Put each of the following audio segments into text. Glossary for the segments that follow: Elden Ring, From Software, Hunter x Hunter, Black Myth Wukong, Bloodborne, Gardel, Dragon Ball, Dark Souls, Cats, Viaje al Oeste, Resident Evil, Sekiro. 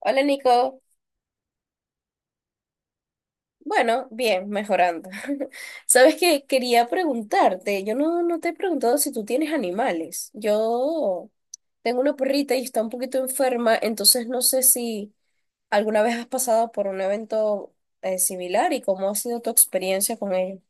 Hola Nico, bueno, bien, mejorando. Sabes que quería preguntarte, yo no te he preguntado si tú tienes animales. Yo tengo una perrita y está un poquito enferma, entonces no sé si alguna vez has pasado por un evento similar y cómo ha sido tu experiencia con ella.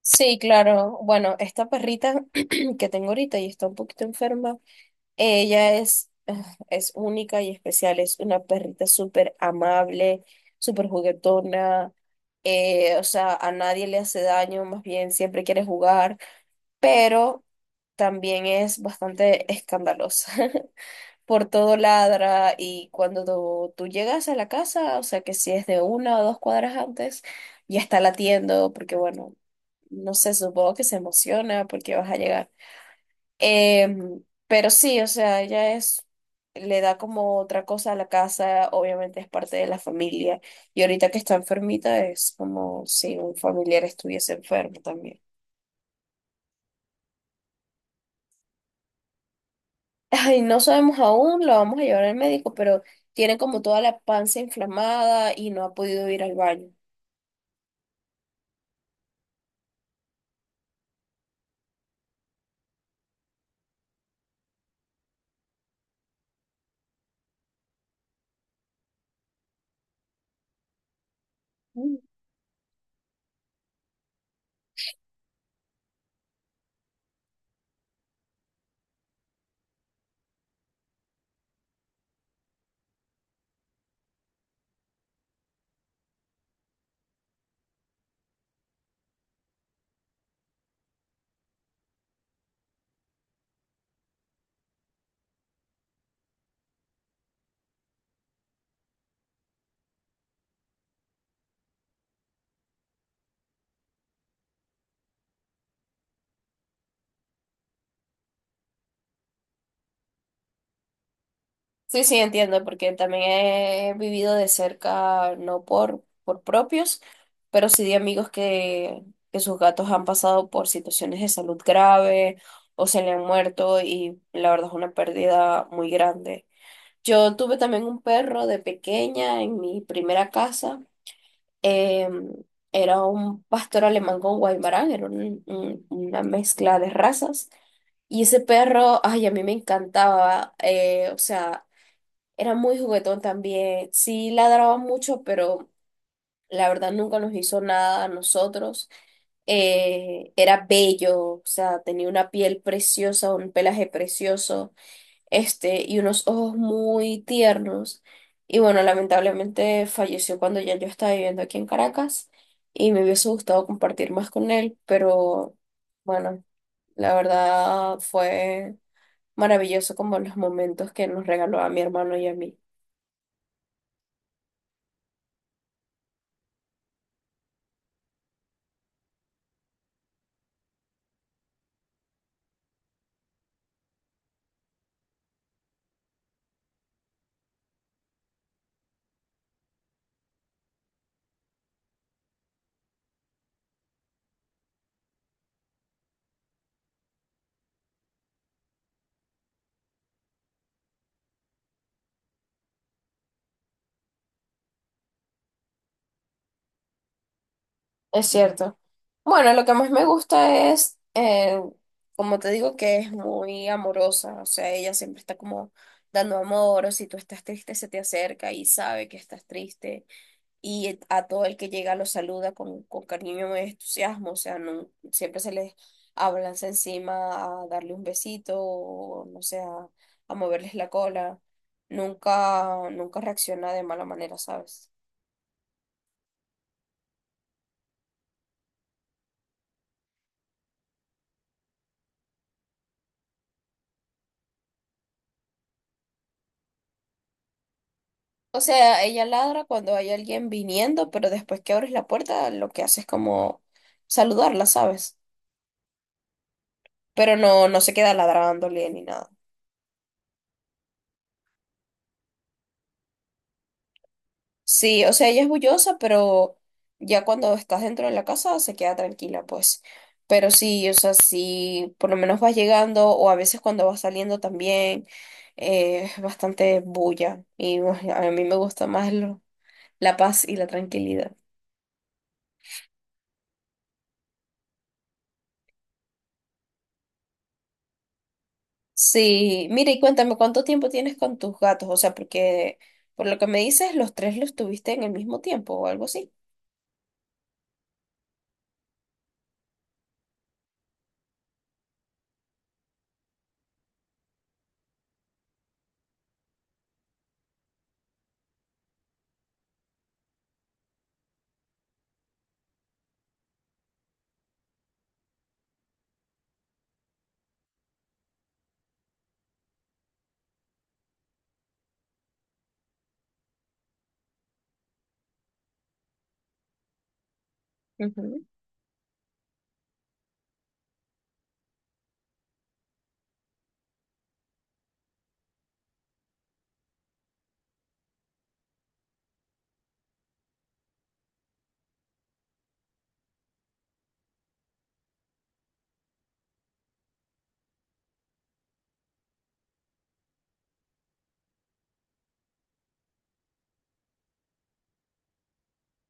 Sí, claro, bueno, esta perrita que tengo ahorita y está un poquito enferma. Ella es, es única y especial, es una perrita súper amable, súper juguetona, o sea, a nadie le hace daño, más bien siempre quiere jugar, pero también es bastante escandalosa. Por todo ladra y cuando tú llegas a la casa, o sea, que si es de una o dos cuadras antes, ya está latiendo, porque bueno, no sé, supongo que se emociona porque vas a llegar. Pero sí, o sea, ella es, le da como otra cosa a la casa, obviamente es parte de la familia. Y ahorita que está enfermita es como si un familiar estuviese enfermo también. Ay, no sabemos aún, lo vamos a llevar al médico, pero tiene como toda la panza inflamada y no ha podido ir al baño. Sí, sí, entiendo, porque también he vivido de cerca, no por propios, pero sí de amigos que sus gatos han pasado por situaciones de salud grave o se le han muerto y la verdad es una pérdida muy grande. Yo tuve también un perro de pequeña en mi primera casa. em, Era un pastor alemán con guaymarán, era una mezcla de razas. Y ese perro, ay, a mí me encantaba. O sea, era muy juguetón también. Sí ladraba mucho, pero la verdad nunca nos hizo nada a nosotros. Era bello, o sea, tenía una piel preciosa, un pelaje precioso, este, y unos ojos muy tiernos. Y bueno, lamentablemente falleció cuando ya yo estaba viviendo aquí en Caracas y me hubiese gustado compartir más con él, pero bueno, la verdad fue maravilloso como los momentos que nos regaló a mi hermano y a mí. Es cierto. Bueno, lo que más me gusta es, como te digo, que es muy amorosa. O sea, ella siempre está como dando amor, o si tú estás triste, se te acerca y sabe que estás triste. Y a todo el que llega lo saluda con cariño y entusiasmo. O sea, no, siempre se les abalanza encima a darle un besito, o no sé, a moverles la cola. Nunca, nunca reacciona de mala manera, ¿sabes? O sea, ella ladra cuando hay alguien viniendo, pero después que abres la puerta, lo que hace es como saludarla, ¿sabes? Pero no se queda ladrándole ni nada. Sí, o sea, ella es bullosa, pero ya cuando estás dentro de la casa se queda tranquila, pues. Pero sí, o sea, sí, por lo menos vas llegando, o a veces cuando vas saliendo también, es bastante bulla. Y bueno, a mí me gusta más la paz y la tranquilidad. Sí, mira y cuéntame, ¿cuánto tiempo tienes con tus gatos? O sea, porque por lo que me dices, los tres los tuviste en el mismo tiempo o algo así. Ujú.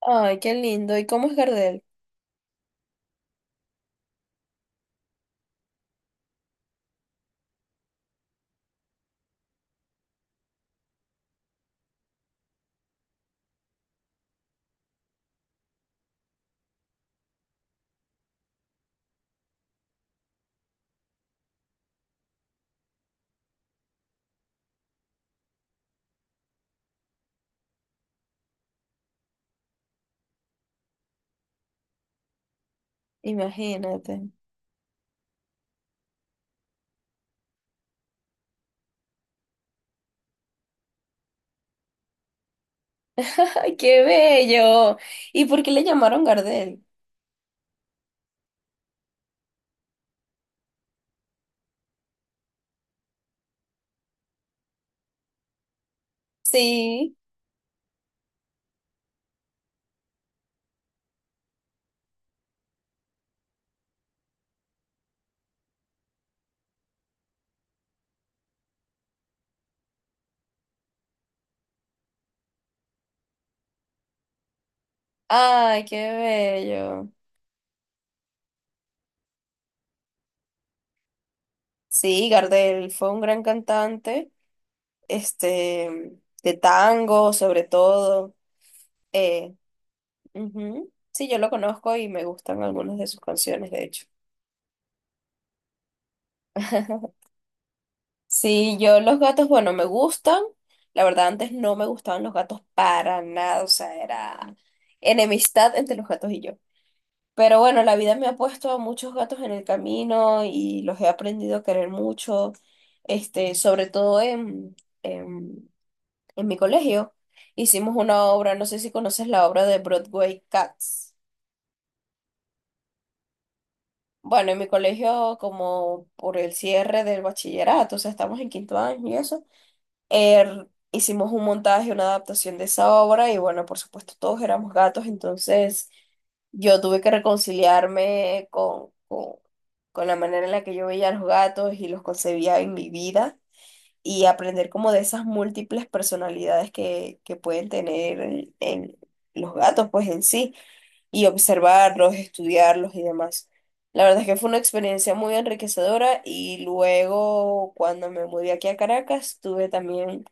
Ay, qué lindo. ¿Y cómo es Gardel? Imagínate. Ay, qué bello. ¿Y por qué le llamaron Gardel? Sí. Ay, qué bello. Sí, Gardel fue un gran cantante, este, de tango sobre todo. Eh, Ujú. Sí, yo lo conozco y me gustan algunas de sus canciones, de hecho. Sí, yo los gatos, bueno, me gustan. La verdad, antes no me gustaban los gatos para nada, o sea, era enemistad entre los gatos y yo. Pero bueno, la vida me ha puesto a muchos gatos en el camino y los he aprendido a querer mucho, este, sobre todo en, en mi colegio. Hicimos una obra, no sé si conoces la obra de Broadway Cats. Bueno, en mi colegio, como por el cierre del bachillerato, o sea, estamos en quinto año y eso. Hicimos un montaje, una adaptación de esa obra y bueno, por supuesto todos éramos gatos, entonces yo tuve que reconciliarme con la manera en la que yo veía a los gatos y los concebía en mi vida y aprender como de esas múltiples personalidades que pueden tener en los gatos pues en sí y observarlos, estudiarlos y demás. La verdad es que fue una experiencia muy enriquecedora y luego cuando me mudé aquí a Caracas tuve también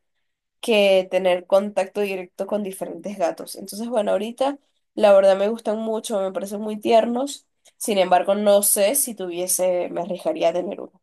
que tener contacto directo con diferentes gatos. Entonces, bueno, ahorita la verdad me gustan mucho, me parecen muy tiernos. Sin embargo, no sé si tuviese, me arriesgaría a tener uno.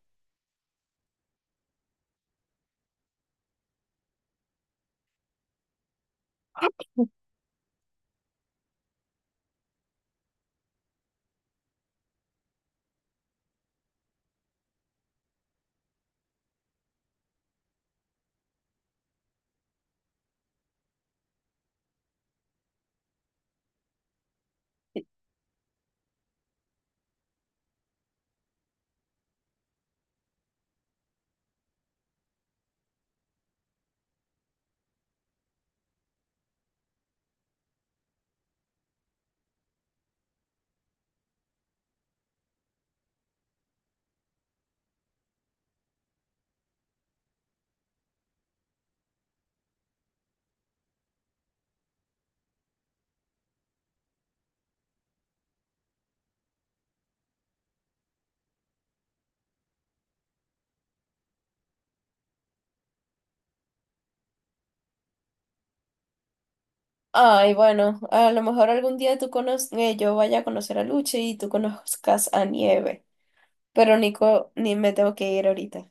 Ay, bueno, a lo mejor algún día tú conoces, yo vaya a conocer a Luche y tú conozcas a Nieve. Pero Nico, ni me tengo que ir ahorita.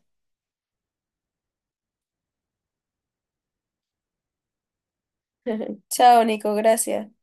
Chao, Nico, gracias.